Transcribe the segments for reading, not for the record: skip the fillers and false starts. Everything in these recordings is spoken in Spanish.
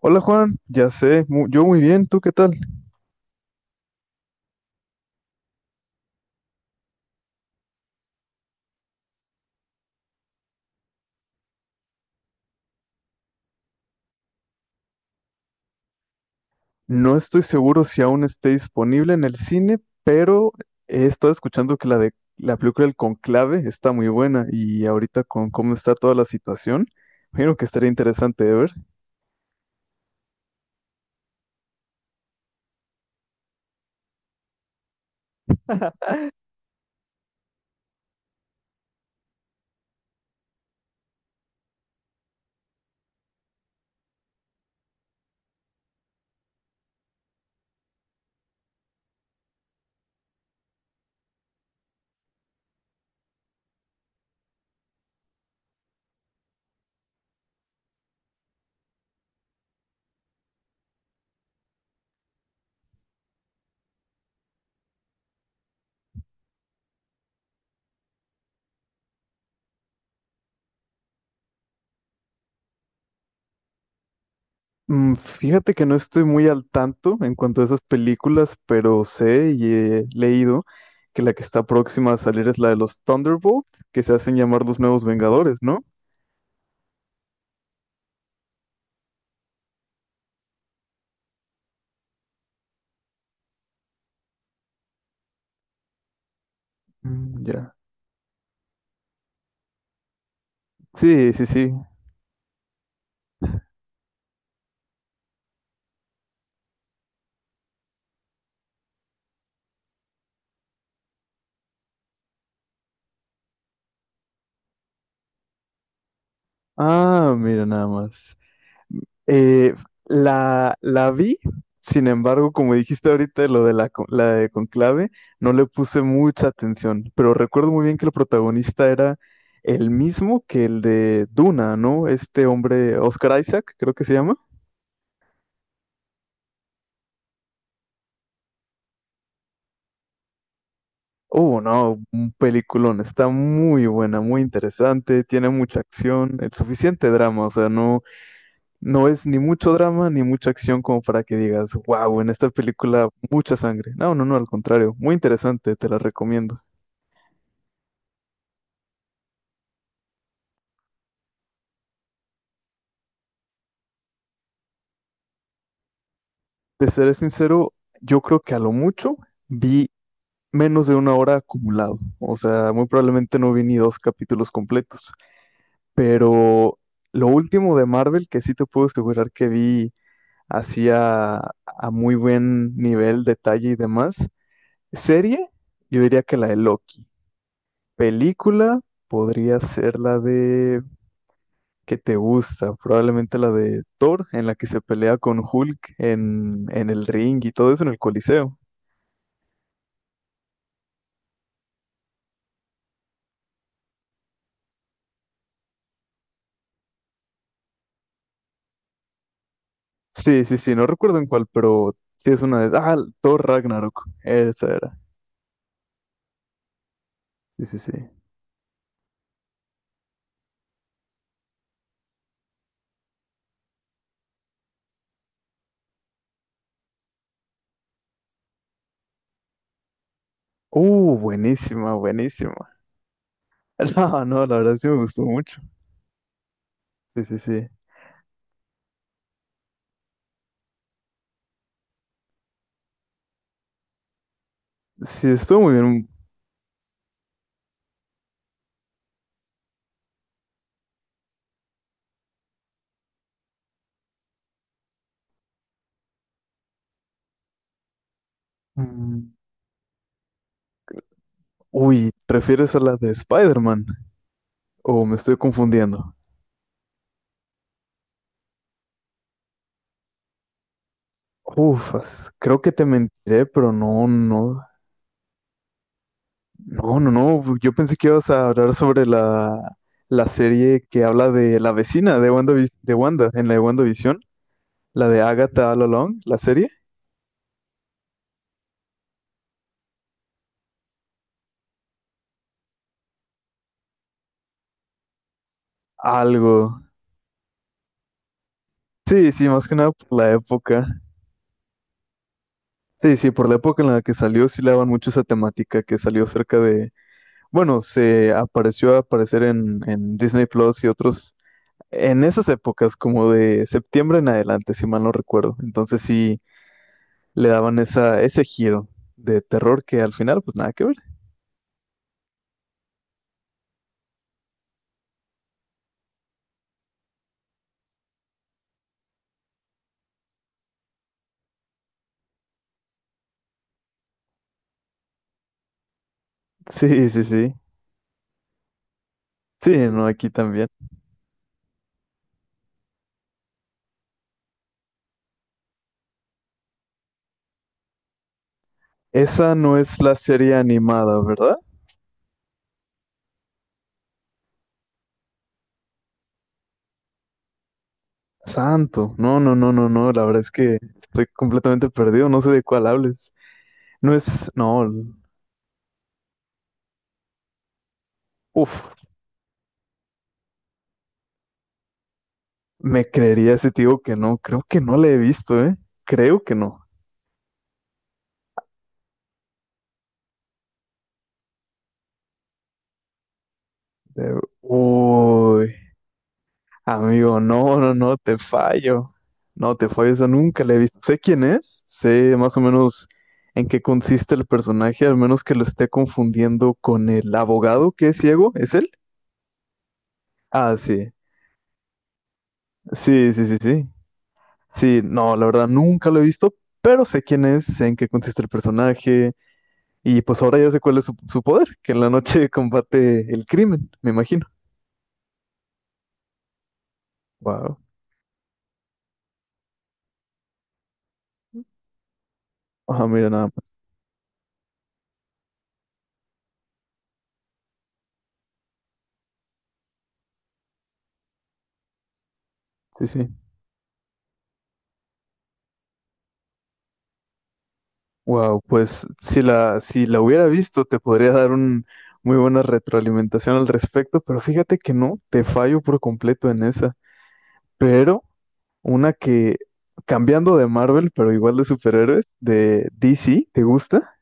Hola Juan, ya sé, yo muy bien, ¿tú qué tal? No estoy seguro si aún esté disponible en el cine, pero he estado escuchando que la película El Conclave está muy buena y ahorita con cómo está toda la situación, creo que estaría interesante de ver. Fíjate que no estoy muy al tanto en cuanto a esas películas, pero sé y he leído que la que está próxima a salir es la de los Thunderbolts, que se hacen llamar los nuevos Vengadores, ¿no? Mm, ya. Sí, sí, sí. Ah, mira nada más. Eh, la vi, sin embargo, como dijiste ahorita, lo de la de Conclave, no le puse mucha atención, pero recuerdo muy bien que el protagonista era el mismo que el de Duna, ¿no? Este hombre, Oscar Isaac, creo que se llama. Oh, no, un peliculón, está muy buena, muy interesante, tiene mucha acción, el suficiente drama, o sea, no, no es ni mucho drama ni mucha acción como para que digas, wow, en esta película mucha sangre. No, no, no, al contrario, muy interesante, te la recomiendo. De seré sincero, yo creo que a lo mucho vi menos de una hora acumulado. O sea, muy probablemente no vi ni dos capítulos completos. Pero lo último de Marvel, que sí te puedo asegurar que vi hacía a muy buen nivel, detalle y demás. Serie, yo diría que la de Loki. Película podría ser la de ¿qué te gusta? Probablemente la de Thor, en la que se pelea con Hulk en el ring y todo eso en el Coliseo. Sí, sí, sí, no recuerdo en cuál, pero sí es una de... ah, Thor Ragnarok, esa era. Sí, sí, sí. Buenísima, buenísima. No, no, la verdad sí me gustó mucho. Sí, sí, sí. Sí, estuvo muy bien. Mm, Uy, ¿prefieres a la de Spider-Man? ¿O me estoy confundiendo? Ufas, creo que te mentiré, pero no, no. No, no, no, yo pensé que ibas a hablar sobre la serie que habla de la vecina de Wanda, en la de WandaVision, la de Agatha All Along, la serie. Algo. Sí, sí, más que nada por la época. Sí, sí, por la época en la que salió, sí le daban mucho esa temática que salió cerca de, bueno, se apareció a aparecer en Disney Plus y otros, en esas épocas, como de septiembre en adelante, si mal no recuerdo. Entonces sí, le daban ese giro de terror que al final, pues nada que ver. Sí, sí, sí. Sí, no, aquí también. Esa no es la serie animada, ¿verdad? Santo. No, no, no, no, no. La verdad es que estoy completamente perdido. No sé de cuál hables. No es. No. Uf. Me creería ese tío que no. Creo que no la he visto, ¿eh? Creo que no. Eh, Uy. Amigo, no, no, no, te fallo. No, te fallo, esa nunca la he visto. Sé quién es, sé más o menos en qué consiste el personaje, al menos que lo esté confundiendo con el abogado que es ciego, ¿es él? Ah, sí. Sí, sí, sí, sí. Sí, no, la verdad nunca lo he visto, pero sé quién es, sé en qué consiste el personaje, y pues ahora ya sé cuál es su poder, que en la noche combate el crimen, me imagino. Wow. Ah, mira, nada más. Sí, sí. Wow, pues si la hubiera visto, te podría dar un muy buena retroalimentación al respecto, pero fíjate que no, te fallo por completo en esa. Pero una que, cambiando de Marvel, pero igual de superhéroes, de DC, ¿te gusta?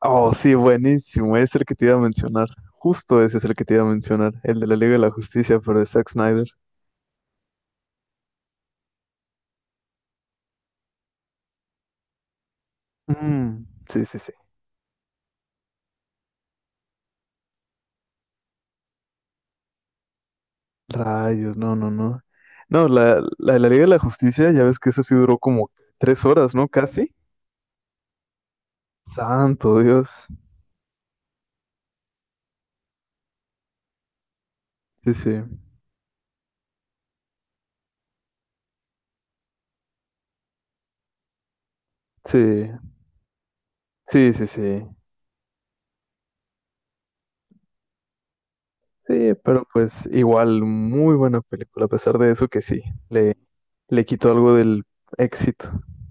Oh, sí, buenísimo, es el que te iba a mencionar. Justo ese es el que te iba a mencionar, el de la Liga de la Justicia, pero de Zack Snyder. Mm, sí, sí, sí. Rayos, no, no, no. No, la de la Liga de la Justicia, ya ves que esa sí duró como tres horas, ¿no? Casi. Santo Dios. Sí, sí. Sí, sí, sí, sí. Sí, pero pues igual, muy buena película, a pesar de eso que sí, le, le quitó algo del éxito.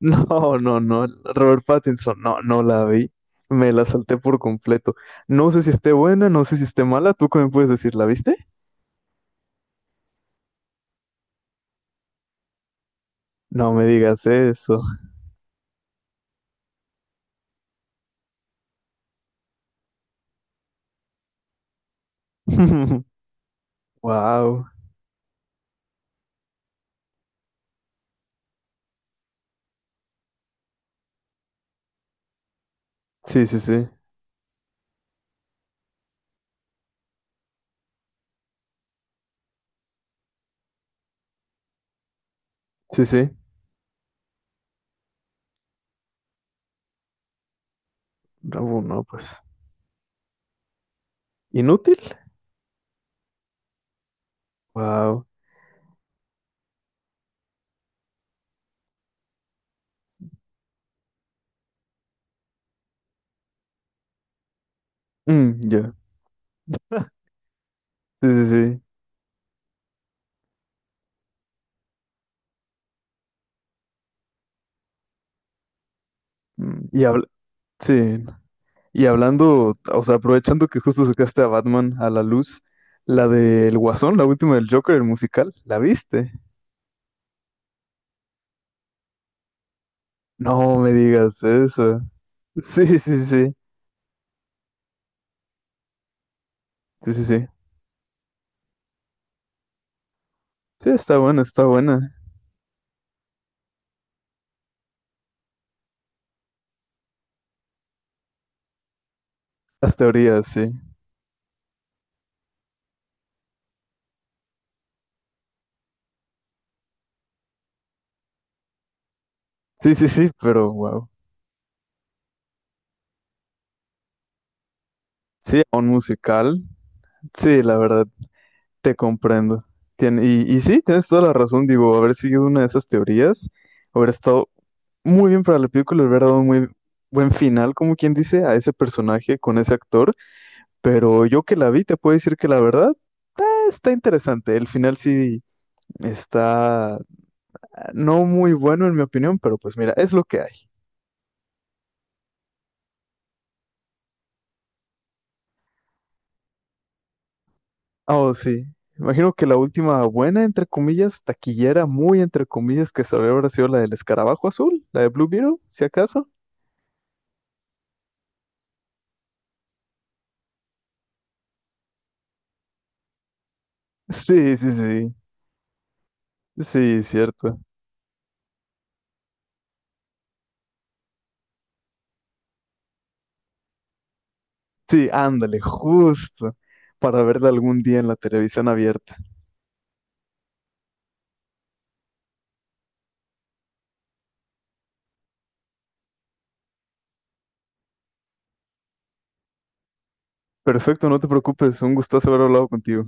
No, no, no, Robert Pattinson, no, no la vi, me la salté por completo. No sé si esté buena, no sé si esté mala, ¿tú qué me puedes decir? ¿La viste? No me digas eso. Wow. Sí, sí, sí, sí, sí. No, no, pues. ¿Inútil? Wow. Mm, ya. Sí, sí, sí. Mm, Y habl- sí, y hablando, o sea, aprovechando que justo sacaste a Batman a la luz, la del Guasón, la última del Joker, el musical, ¿la viste? No me digas eso. Sí, sí, sí, sí, sí, sí, sí. Sí, está buena, está buena. Las teorías, sí. Sí, sí, sí, pero wow. Sí, un musical. Sí, la verdad. Te comprendo. Y, y sí, tienes toda la razón, digo, haber seguido una de esas teorías, haber estado muy bien para la película, le hubiera dado un muy buen final, como quien dice, a ese personaje con ese actor, pero yo que la vi te puedo decir que la verdad está interesante, el final sí está no muy bueno en mi opinión, pero pues mira, es lo que hay. Oh, sí. Imagino que la última buena, entre comillas, taquillera, muy entre comillas, que salió habrá sido la del escarabajo azul, la de Blue Beetle, si acaso. Sí, sí, sí. Sí, cierto. Sí, ándale, justo, para verla algún día en la televisión abierta. Perfecto, no te preocupes, un gustazo haber hablado contigo.